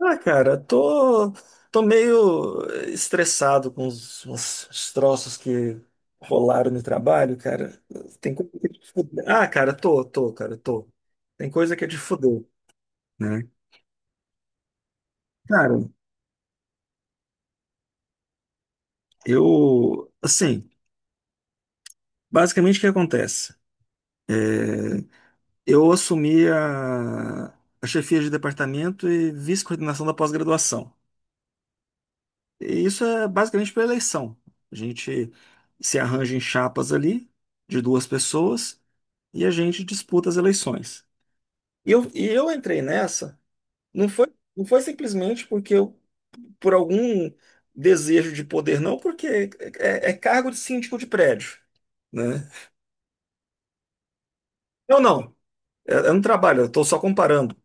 Ah, cara, tô, meio estressado com os troços que rolaram no trabalho, cara. Tem coisa que é de fuder. Ah, cara, tô, tô, cara, tô. Tem coisa que é de fuder, né? Cara, eu, assim, basicamente o que acontece? Eu assumi a chefia de departamento e vice-coordenação da pós-graduação. E isso é basicamente pela eleição. A gente se arranja em chapas ali, de duas pessoas. E a gente disputa as eleições. E eu entrei nessa, não foi, não foi simplesmente porque eu, por algum desejo de poder, não, porque é cargo de síndico de prédio, né? Eu não, eu não trabalho, eu estou só comparando.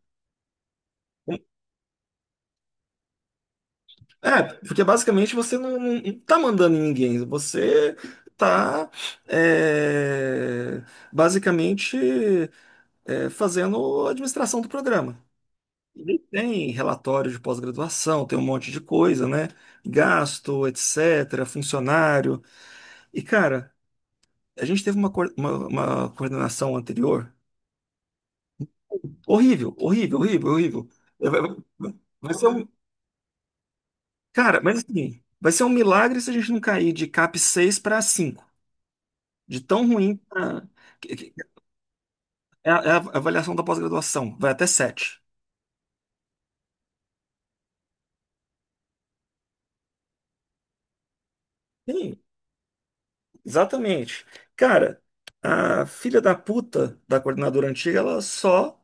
É, porque basicamente você não tá mandando em ninguém, você tá é, basicamente fazendo a administração do programa. Ele tem relatório de pós-graduação, tem um monte de coisa, né? Gasto, etc., funcionário. E, cara, a gente teve uma coordenação anterior horrível, horrível, horrível, horrível. É. Vai ser um. Cara, mas assim, vai ser um milagre se a gente não cair de CAP 6 para 5. De tão ruim. Que- que- É a avaliação da pós-graduação, vai até sete. Sim, exatamente. Cara, a filha da puta da coordenadora antiga, ela só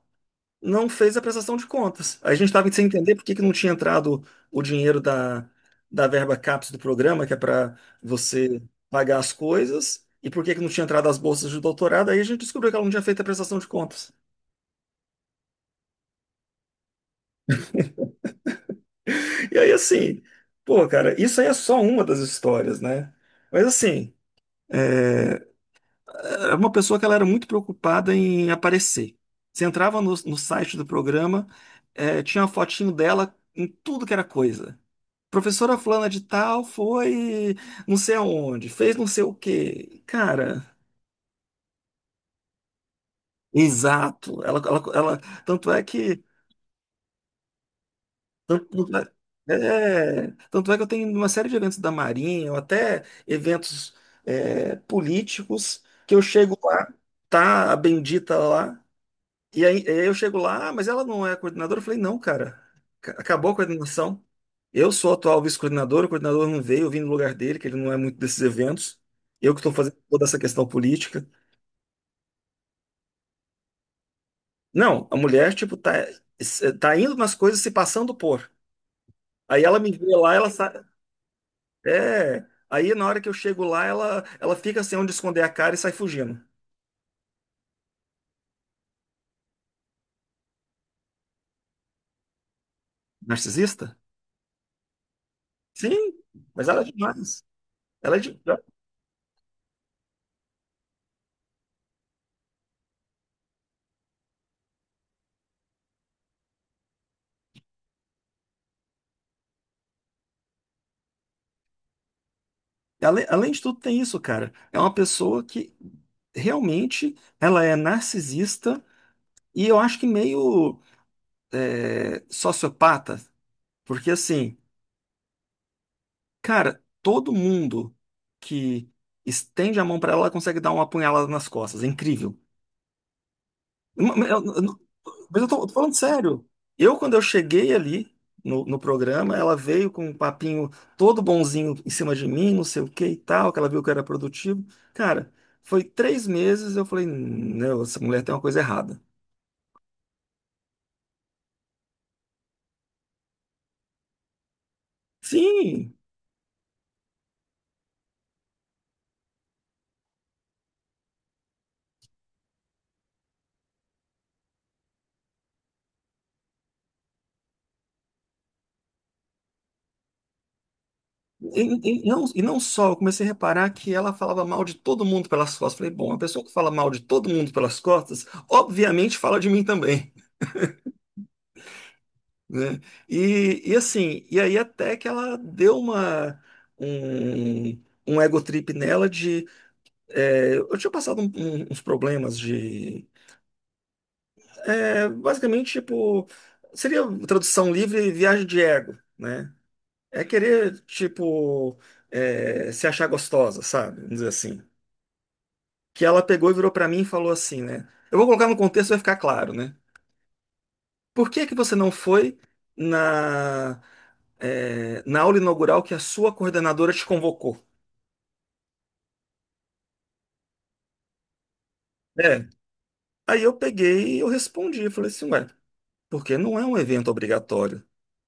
não fez a prestação de contas. A gente estava sem entender por que que não tinha entrado o dinheiro da verba CAPES do programa, que é para você pagar as coisas, e por que que não tinha entrado as bolsas de doutorado. Aí a gente descobriu que ela não tinha feito a prestação de contas. E aí, assim, pô, cara, isso aí é só uma das histórias, né? Mas, assim, é, era uma pessoa que ela era muito preocupada em aparecer. Você entrava no site do programa, tinha uma fotinho dela em tudo que era coisa. Professora fulana de tal foi não sei aonde, fez não sei o quê. Cara, exato. Tanto é que tanto, tanto é, é, Tanto é que eu tenho uma série de eventos da Marinha, ou até eventos políticos, que eu chego lá, tá a bendita lá. E aí eu chego lá, "Ah, mas ela não é coordenadora." Eu falei, não, cara, acabou a coordenação. Eu sou o atual vice-coordenador, o coordenador não veio, eu vim no lugar dele, que ele não é muito desses eventos. Eu que estou fazendo toda essa questão política. Não, a mulher, tipo, tá, tá indo nas coisas se passando por. Aí ela me vê lá, ela sai. É. Aí na hora que eu chego lá, ela fica sem onde esconder a cara e sai fugindo. Narcisista? Sim, mas ela é demais. Ela é demais. Além de tudo, tem isso, cara. É uma pessoa que realmente ela é narcisista e eu acho que meio sociopata, porque assim, cara, todo mundo que estende a mão pra ela, ela consegue dar uma apunhalada nas costas. É incrível. Ma- ma- eu- eu- Mas eu tô, falando sério. Eu, quando eu cheguei ali no programa, ela veio com um papinho todo bonzinho em cima de mim, não sei o que e tal, que ela viu que eu era produtivo. Cara, foi 3 meses, eu falei, não, essa mulher tem uma coisa errada. Sim, e não só, eu comecei a reparar que ela falava mal de todo mundo pelas costas. Falei, bom, a pessoa que fala mal de todo mundo pelas costas, obviamente fala de mim também, né? E assim, e aí até que ela deu um, um ego trip nela de eu tinha passado uns problemas de basicamente tipo seria tradução livre viagem de ego, né? É querer tipo se achar gostosa, sabe? Vamos dizer assim. Que ela pegou e virou pra mim e falou assim, né? Eu vou colocar no contexto vai ficar claro, né? Por que que você não foi na, na aula inaugural que a sua coordenadora te convocou? É. Aí eu peguei e eu respondi, eu falei assim, ué, porque não é um evento obrigatório.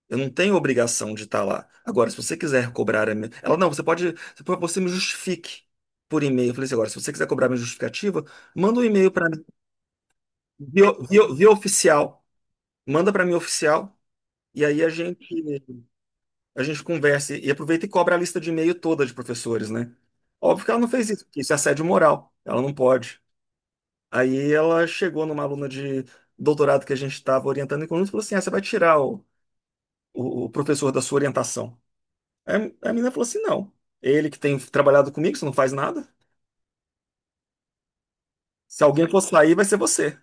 Eu não tenho obrigação de estar lá. Agora, se você quiser cobrar a minha... Ela, não, você pode... Você pode você me justifique por e-mail. Eu falei assim, agora, se você quiser cobrar minha justificativa, manda um e-mail para mim, via oficial. Manda para mim oficial. E aí a gente conversa e aproveita e cobra a lista de e-mail toda de professores, né? Óbvio que ela não fez isso, porque isso é assédio moral, ela não pode. Aí ela chegou numa aluna de doutorado que a gente estava orientando em conjunto e falou assim: ah, você vai tirar o professor da sua orientação. Aí a menina falou assim: não, ele que tem trabalhado comigo, você não faz nada. Se alguém for sair, vai ser você.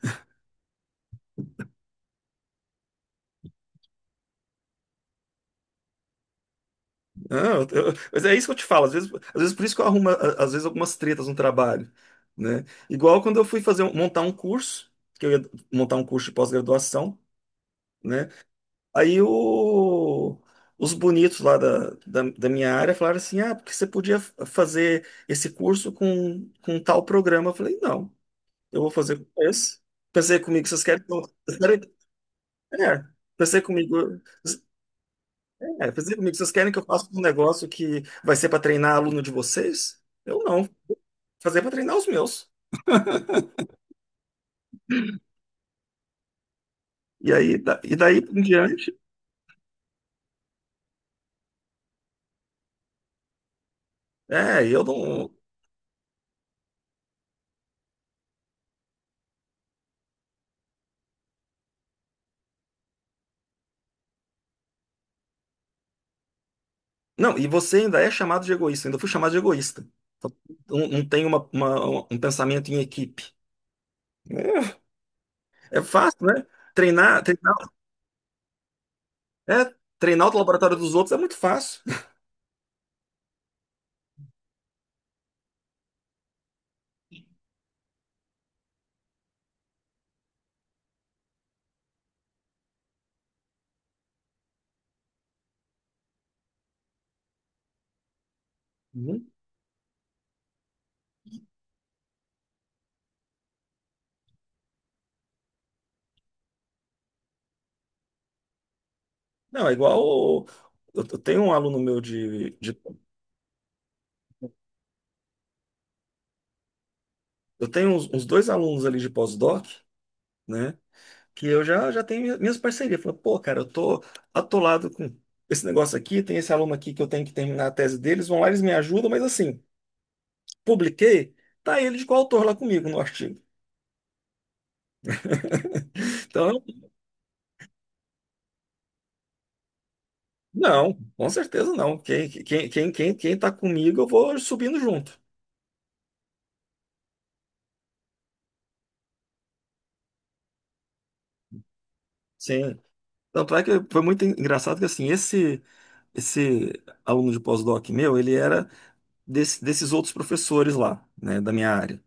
Não, mas é isso que eu te falo. Às vezes por isso que eu arrumo, às vezes, algumas tretas no trabalho, né? Igual quando eu fui fazer montar um curso, que eu ia montar um curso de pós-graduação, né? Aí os bonitos lá da minha área falaram assim, ah, porque você podia fazer esse curso com tal programa. Eu falei, não, eu vou fazer com esse. Pensei comigo, vocês querem que eu... vocês querem- É, pensei comigo, pensei comigo, vocês querem que eu faça um negócio que vai ser para treinar aluno de vocês? Eu não, vou fazer para treinar os meus. E aí, e daí em diante, é, eu não. Não, e você ainda é chamado de egoísta, ainda fui chamado de egoísta. Então, não tem um pensamento em equipe. É, é fácil, né? Treinar, é, treinar o laboratório dos outros é muito fácil. Uhum. Não, é igual. O- eu tenho um aluno meu de- eu tenho uns, dois alunos ali de pós-doc, né? Que eu já tenho minhas parcerias. Falei, pô, cara, eu tô atolado com esse negócio aqui, tem esse aluno aqui que eu tenho que terminar a tese deles, vão lá, eles me ajudam, mas assim, publiquei, tá ele de coautor lá comigo no artigo. Então, não, com certeza não. Quem tá comigo, eu vou subindo junto. Sim. Tanto é que foi muito engraçado que assim, Esse aluno de pós-doc meu, ele era desses outros professores lá, né, da minha área.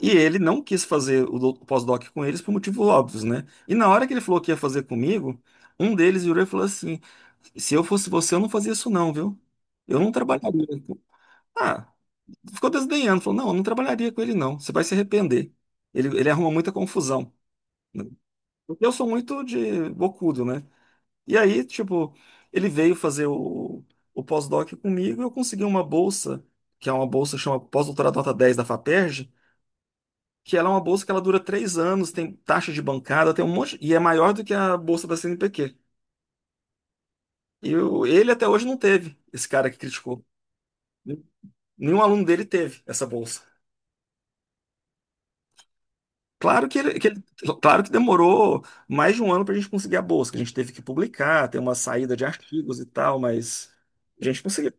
E ele não quis fazer o pós-doc com eles por motivos óbvios, né? E na hora que ele falou que ia fazer comigo, um deles virou e falou assim: se eu fosse você, eu não fazia isso, não, viu? Eu não trabalharia com... Ah, ficou desdenhando, falou: não, eu não trabalharia com ele, não. Você vai se arrepender. Ele arruma muita confusão, né? Porque eu sou muito de bocudo, né? E aí, tipo, ele veio fazer o pós-doc comigo e eu consegui uma bolsa, que é uma bolsa que chama Pós-Doutorado Nota 10 da FAPERJ, que ela é uma bolsa que ela dura 3 anos, tem taxa de bancada, tem um monte, e é maior do que a bolsa da CNPq. Ele até hoje não teve, esse cara que criticou. Nenhum aluno dele teve essa bolsa. Claro que ele- claro que demorou mais de um ano para a gente conseguir a bolsa, que a gente teve que publicar, ter uma saída de artigos e tal, mas a gente conseguiu.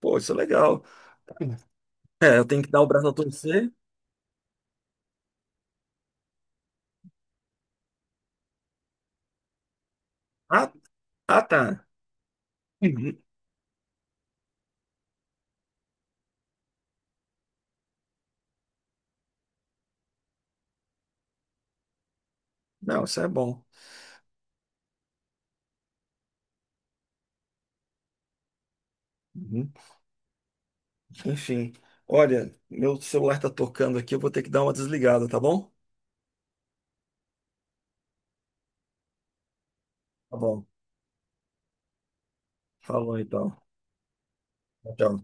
Pô, isso é legal. É, eu tenho que dar o braço a torcer. Ah, ah, tá. Uhum. Não, isso é bom. Uhum. Enfim, olha, meu celular tá tocando aqui, eu vou ter que dar uma desligada, tá bom? Tá bom. Falou então. Tchau.